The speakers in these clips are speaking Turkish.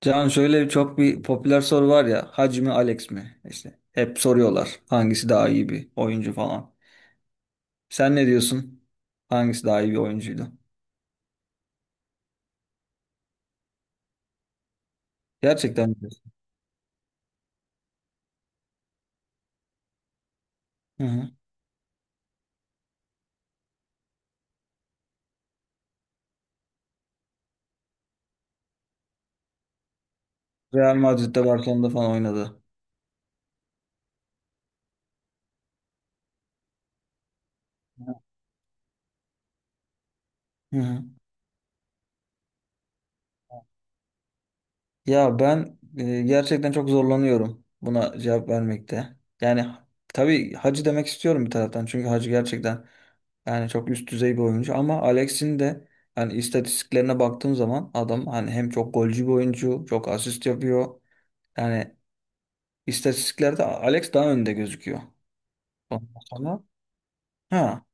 Can, şöyle çok bir popüler soru var ya, Hacı mi Alex mi? İşte hep soruyorlar, hangisi daha iyi bir oyuncu falan. Sen ne diyorsun? Hangisi daha iyi bir oyuncuydu? Gerçekten mi diyorsun? Hı hı. Real Madrid'de, Barcelona'da falan oynadı. Hı hı. Ya ben gerçekten çok zorlanıyorum buna cevap vermekte. Yani tabii Hacı demek istiyorum bir taraftan. Çünkü Hacı gerçekten yani çok üst düzey bir oyuncu, ama Alex'in de hani istatistiklerine baktığım zaman adam hani hem çok golcü bir oyuncu, çok asist yapıyor. Yani istatistiklerde Alex daha önde gözüküyor. Ondan sonra ha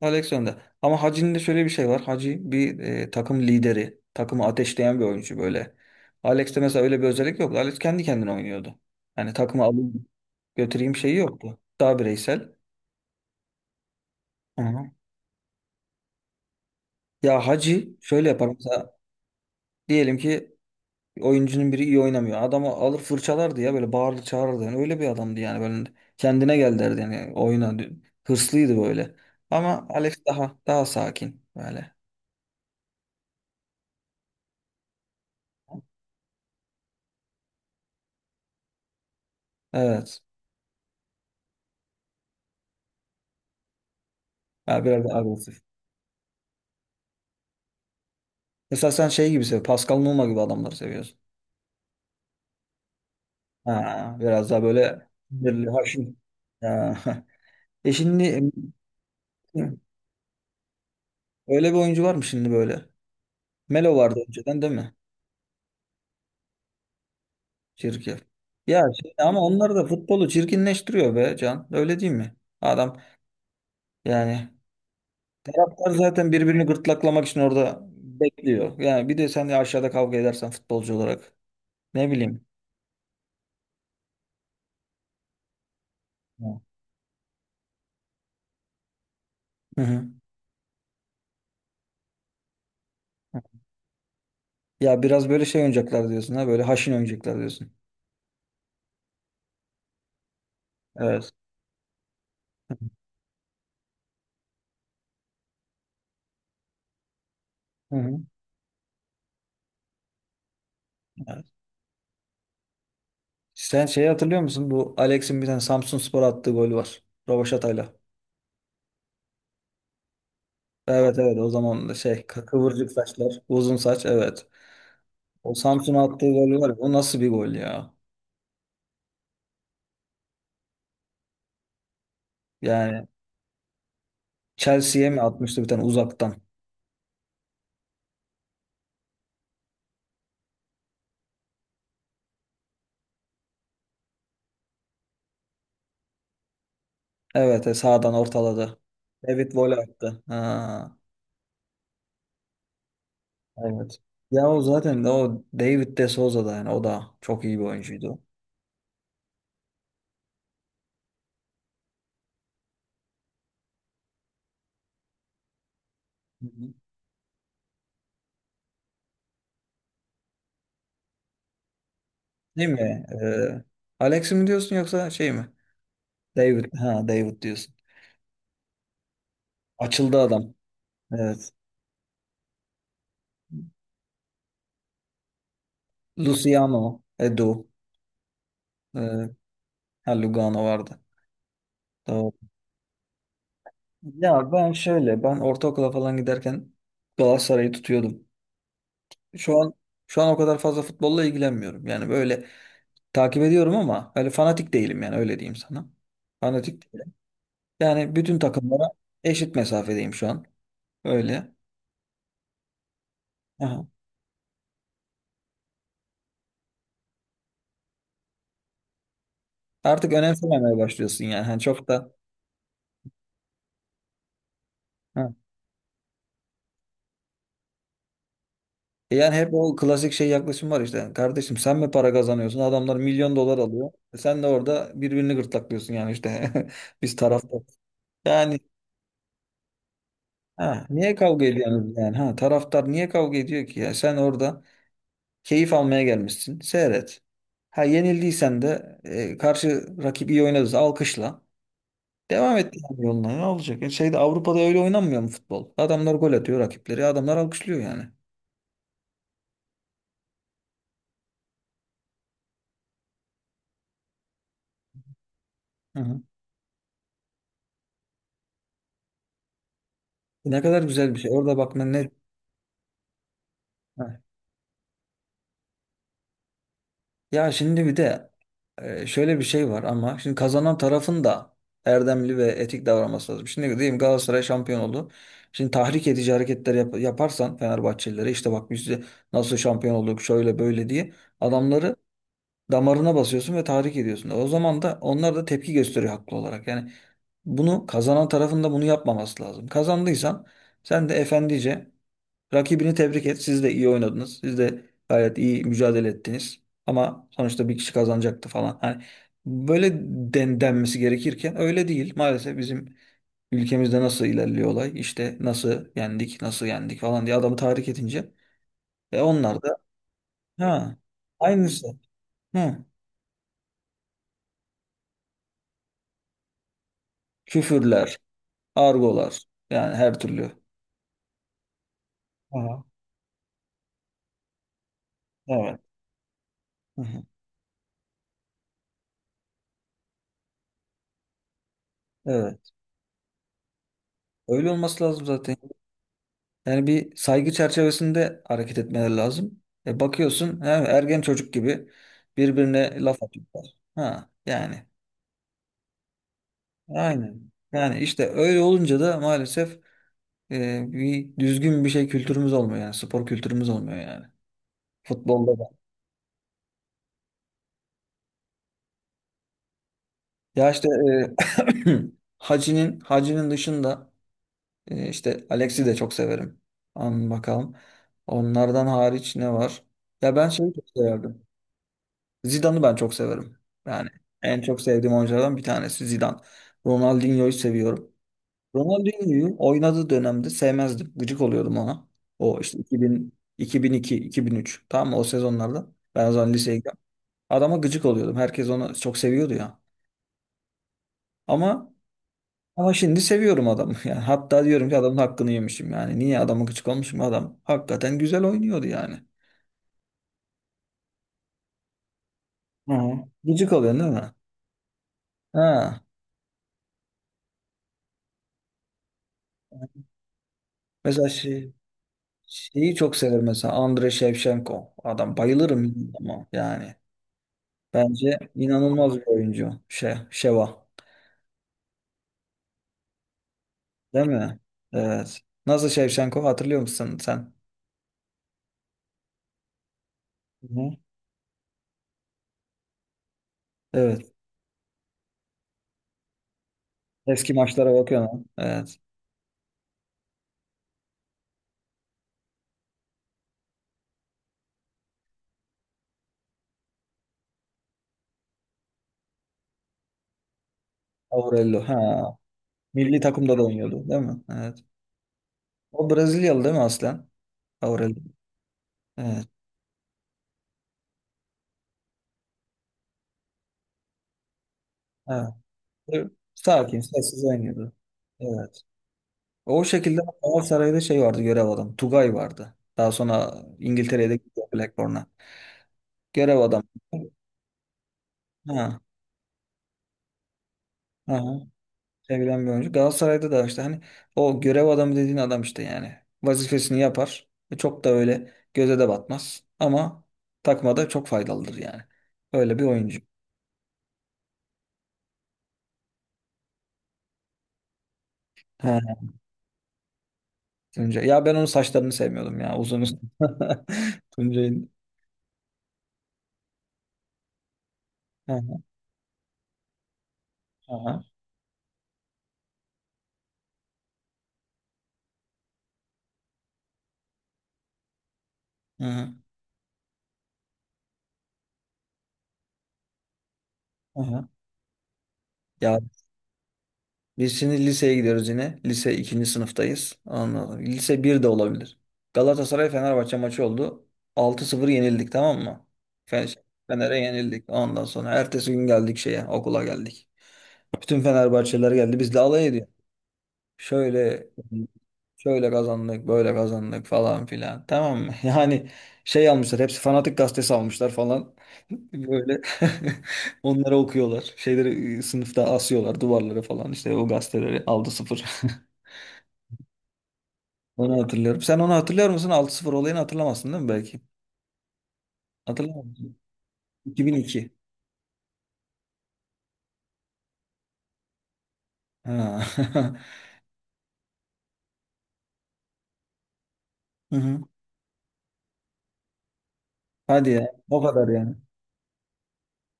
Alex önde. Ama Hacı'nın da şöyle bir şey var. Hacı bir takım lideri. Takımı ateşleyen bir oyuncu böyle. Alex'te mesela öyle bir özellik yoktu. Alex kendi kendine oynuyordu. Yani takımı alayım götüreyim şeyi yoktu. Daha bireysel. Aha. Ya Hacı şöyle yapar mesela. Diyelim ki oyuncunun biri iyi oynamıyor. Adamı alır fırçalardı ya, böyle bağırdı çağırırdı. Yani öyle bir adamdı yani, böyle kendine gel derdi yani oyuna. Hırslıydı böyle. Ama Alex daha sakin böyle. Evet. Ya biraz daha agresif. Mesela sen Pascal Numa gibi adamları seviyorsun. Ha, biraz daha böyle belli, haşin. Ha. E şimdi e, öyle bir oyuncu var mı şimdi böyle? Melo vardı önceden, değil mi? Çirkin. Ya şimdi ama onlar da futbolu çirkinleştiriyor be Can. Öyle değil mi? Adam yani, taraftar zaten birbirini gırtlaklamak için orada bekliyor. Yani bir de sen de aşağıda kavga edersen futbolcu olarak ne bileyim. Hı hı. Ya biraz böyle şey oynayacaklar diyorsun, ha böyle haşin oynayacaklar diyorsun. Evet. Hı hı. Evet. Sen şeyi hatırlıyor musun? Bu Alex'in bir tane Samsunspor attığı golü var. Rövaşatayla. Evet evet, o zaman da şey kıvırcık saçlar, uzun saç, evet. O Samsun'a attığı gol var ya, o nasıl bir gol ya? Yani Chelsea'ye mi atmıştı bir tane uzaktan? Evet sağdan ortaladı. David vole attı. Ha, evet. Ya o zaten de o David de Souza da yani o da çok iyi bir oyuncuydu. Hı hı. Değil mi? Alex mi diyorsun yoksa şey mi? David. Ha, David diyorsun. Açıldı adam. Evet. Luciano, Edu, e, ha, Lugano vardı. Doğru. Ya ben şöyle, ben ortaokula falan giderken Galatasaray'ı tutuyordum. Şu an şu an o kadar fazla futbolla ilgilenmiyorum. Yani böyle takip ediyorum ama öyle fanatik değilim, yani öyle diyeyim sana. Fanatik değilim. Yani bütün takımlara eşit mesafedeyim şu an. Öyle. Aha. Artık önemsememeye başlıyorsun yani. Hani çok da E yani hep o klasik şey yaklaşım var işte. Kardeşim, sen mi para kazanıyorsun? Adamlar milyon dolar alıyor. E, sen de orada birbirini gırtlaklıyorsun yani işte. Biz taraftar. Yani ha, niye kavga ediyorsunuz yani? Ha, taraftar niye kavga ediyor ki ya? Sen orada keyif almaya gelmişsin. Seyret. Ha, yenildiysen de karşı rakip iyi oynadıysa alkışla. Devam et yani yoluna. Ne olacak? Şeyde, Avrupa'da öyle oynanmıyor mu futbol? Adamlar gol atıyor rakipleri. Adamlar alkışlıyor yani. Hı hı. Ne kadar güzel bir şey. Orada bak ne- ya şimdi bir de şöyle bir şey var. Ama şimdi kazanan tarafın da erdemli ve etik davranması lazım. Şimdi diyeyim Galatasaray şampiyon oldu. Şimdi tahrik edici hareketler yaparsan Fenerbahçelilere, işte bak biz de nasıl şampiyon olduk şöyle böyle diye, adamları damarına basıyorsun ve tahrik ediyorsun. O zaman da onlar da tepki gösteriyor haklı olarak. Yani bunu kazanan tarafın da bunu yapmaması lazım. Kazandıysan sen de efendice rakibini tebrik et. Siz de iyi oynadınız. Siz de gayet iyi mücadele ettiniz. Ama sonuçta bir kişi kazanacaktı falan. Hani böyle denmesi gerekirken öyle değil. Maalesef bizim ülkemizde nasıl ilerliyor olay? İşte nasıl yendik, nasıl yendik falan diye adamı tahrik edince. Ve onlar da ha aynısı. Hı. Küfürler, argolar, yani her türlü. Aha, evet. Hı hı, evet. Öyle olması lazım zaten. Yani bir saygı çerçevesinde hareket etmeleri lazım. E bakıyorsun ergen çocuk gibi birbirine laf atıyorlar. Ha yani aynen. Yani işte öyle olunca da maalesef bir düzgün bir şey kültürümüz olmuyor, yani spor kültürümüz olmuyor yani. Futbolda da. Ya işte e, Hacı'nın dışında işte Alex'i de çok severim. An bakalım. Onlardan hariç ne var? Ya ben şeyi çok severdim. Zidane'ı ben çok severim. Yani en çok sevdiğim oyunculardan bir tanesi Zidane. Ronaldinho'yu seviyorum. Ronaldinho'yu oynadığı dönemde sevmezdim. Gıcık oluyordum ona. O işte 2000, 2002, 2003, tamam mı? O sezonlarda. Ben o zaman liseye gidiyorum. Adama gıcık oluyordum. Herkes onu çok seviyordu ya. Ama ama şimdi seviyorum adamı. Yani hatta diyorum ki adamın hakkını yemişim yani. Niye adama gıcık olmuşum? Adam hakikaten güzel oynuyordu yani. Hı. Gıcık oluyorsun değil mi? Ha. Mesela şeyi çok severim mesela, Andre Shevchenko. Adam bayılırım ama yani. Bence inanılmaz bir oyuncu. Şey, Şeva. Değil mi? Evet. Nasıl Shevchenko, hatırlıyor musun sen? Hı. Evet. Eski maçlara bakıyorsun. Ha. Evet. Aurelio. Ha. Milli takımda da oynuyordu, değil mi? Evet. O Brezilyalı değil mi aslen? Aurelio. Evet. Evet. Sakin, sessiz oynuyordu. Evet. O şekilde Galatasaray'da şey vardı, görev adam. Tugay vardı. Daha sonra İngiltere'ye de gitti, Blackburn'a. Görev adam. Ha, ha, sevilen bir oyuncu. Galatasaray'da da işte hani o görev adamı dediğin adam işte yani. Vazifesini yapar. E, çok da öyle göze de batmaz. Ama takmada çok faydalıdır yani. Öyle bir oyuncu. Ha, Tuncay. Ya ben onun saçlarını sevmiyordum ya. Uzun uzun. Tuncay'ın. Ha, ha, ha, ha, ha. Ya biz şimdi liseye gidiyoruz yine. Lise ikinci sınıftayız. Anladım. Lise bir de olabilir. Galatasaray Fenerbahçe maçı oldu. 6-0 yenildik, tamam mı? Fe- Fener'e yenildik. Ondan sonra ertesi gün geldik şeye, okula geldik. Bütün Fenerbahçeliler geldi. Biz de alay ediyor. Şöyle Şöyle kazandık, böyle kazandık falan filan. Tamam mı? Yani şey almışlar, hepsi Fanatik gazetesi almışlar falan. Böyle onları okuyorlar. Şeyleri sınıfta asıyorlar duvarlara falan. İşte o gazeteleri aldı, sıfır. Onu hatırlıyorum. Sen onu hatırlıyor musun? 6-0 olayını hatırlamazsın değil mi belki? Hatırlamıyor musun? 2002. Ha. Hı hı. Hadi ya. O kadar yani.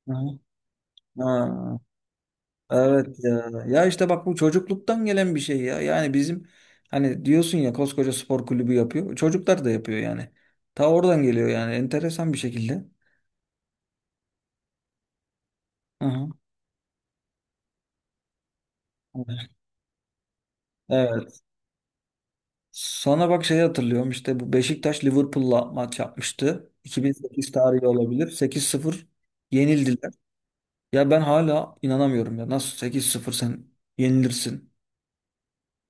Hı hı. Ha. Evet ya. Ya işte bak bu çocukluktan gelen bir şey ya. Yani bizim, hani diyorsun ya, koskoca spor kulübü yapıyor. Çocuklar da yapıyor yani. Ta oradan geliyor, yani enteresan bir şekilde. Hı hı. Evet. Sana bak şeyi hatırlıyorum, işte bu Beşiktaş Liverpool'la maç yapmıştı. 2008 tarihi olabilir. 8-0 yenildiler. Ya ben hala inanamıyorum ya. Nasıl 8-0 sen yenilirsin?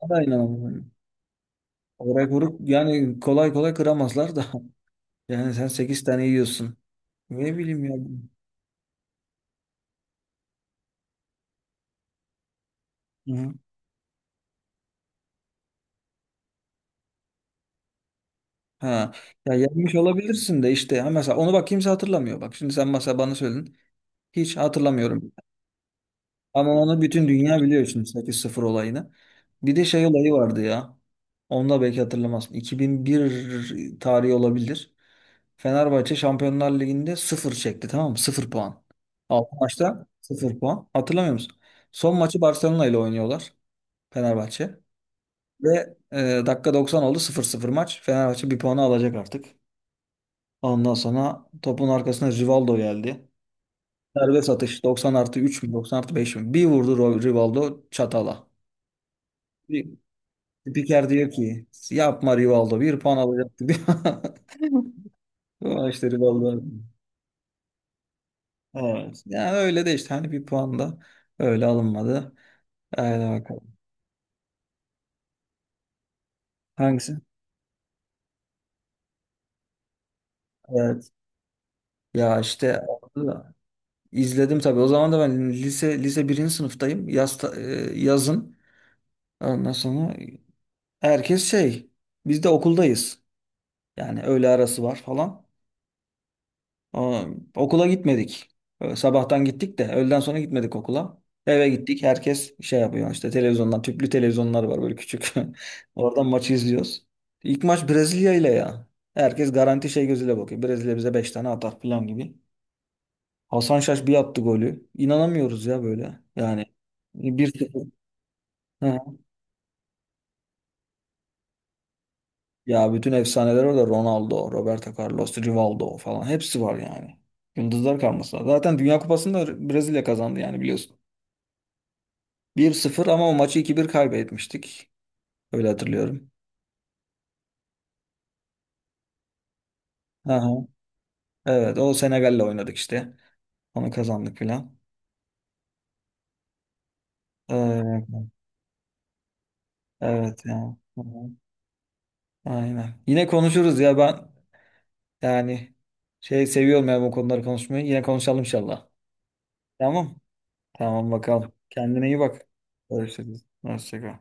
Hala inanamıyorum. O rekoru yani kolay kolay kıramazlar da. Yani sen 8 tane yiyorsun. Ne bileyim ya. Hı. Ha. Ya yapmış olabilirsin de işte. Ha mesela onu bak kimse hatırlamıyor. Bak şimdi sen mesela bana söyledin. Hiç hatırlamıyorum. Ama onu bütün dünya biliyor şimdi, 8-0 olayını. Bir de şey olayı vardı ya. Onu da belki hatırlamazsın. 2001 tarihi olabilir. Fenerbahçe Şampiyonlar Ligi'nde sıfır çekti, tamam mı? 0 puan. 6 maçta sıfır puan. Hatırlamıyor musun? Son maçı Barcelona ile oynuyorlar. Fenerbahçe. Ve dakika 90 oldu, 0-0 maç. Fenerbahçe bir puanı alacak artık. Ondan sonra topun arkasına Rivaldo geldi. Serbest atış, 90 artı 3 mü 90 artı 5 mi? Bir vurdu Rivaldo çatala. Bir, spiker diyor ki yapma Rivaldo, bir puan alacaktı, diyor. Ama işte Rivaldo. Evet. Yani öyle de işte hani bir puan da öyle alınmadı. Haydi bakalım. Hangisi? Evet. Ya işte İzledim tabii. O zaman da ben lise birinci sınıftayım. Yaz, yazın. Ondan sonra herkes şey. Biz de okuldayız. Yani öğle arası var falan. Aa, okula gitmedik. Sabahtan gittik de öğleden sonra gitmedik okula. Eve gittik. Herkes şey yapıyor işte televizyondan. Tüplü televizyonlar var böyle, küçük. Oradan maçı izliyoruz. İlk maç Brezilya ile ya. Herkes garanti şey gözüyle bakıyor. Brezilya bize 5 tane atar falan gibi. Hasan Şaş bir attı golü. İnanamıyoruz ya böyle. Yani bir 0 hı. Ya bütün efsaneler orada. Ronaldo, Roberto Carlos, Rivaldo falan. Hepsi var yani. Yıldızlar karmasına. Zaten Dünya Kupası'nı da Brezilya kazandı yani, biliyorsun. 1-0, ama o maçı 2-1 kaybetmiştik. Öyle hatırlıyorum. Hı hı. Evet, o Senegal'le oynadık işte. Onu kazandık filan. Ee, evet ya. Hı hı. Aynen. Yine konuşuruz ya ben yani şey seviyorum ya, bu konuları konuşmayı. Yine konuşalım inşallah. Tamam. Tamam bakalım. Kendine iyi bak. Görüşürüz. Hoşça kal.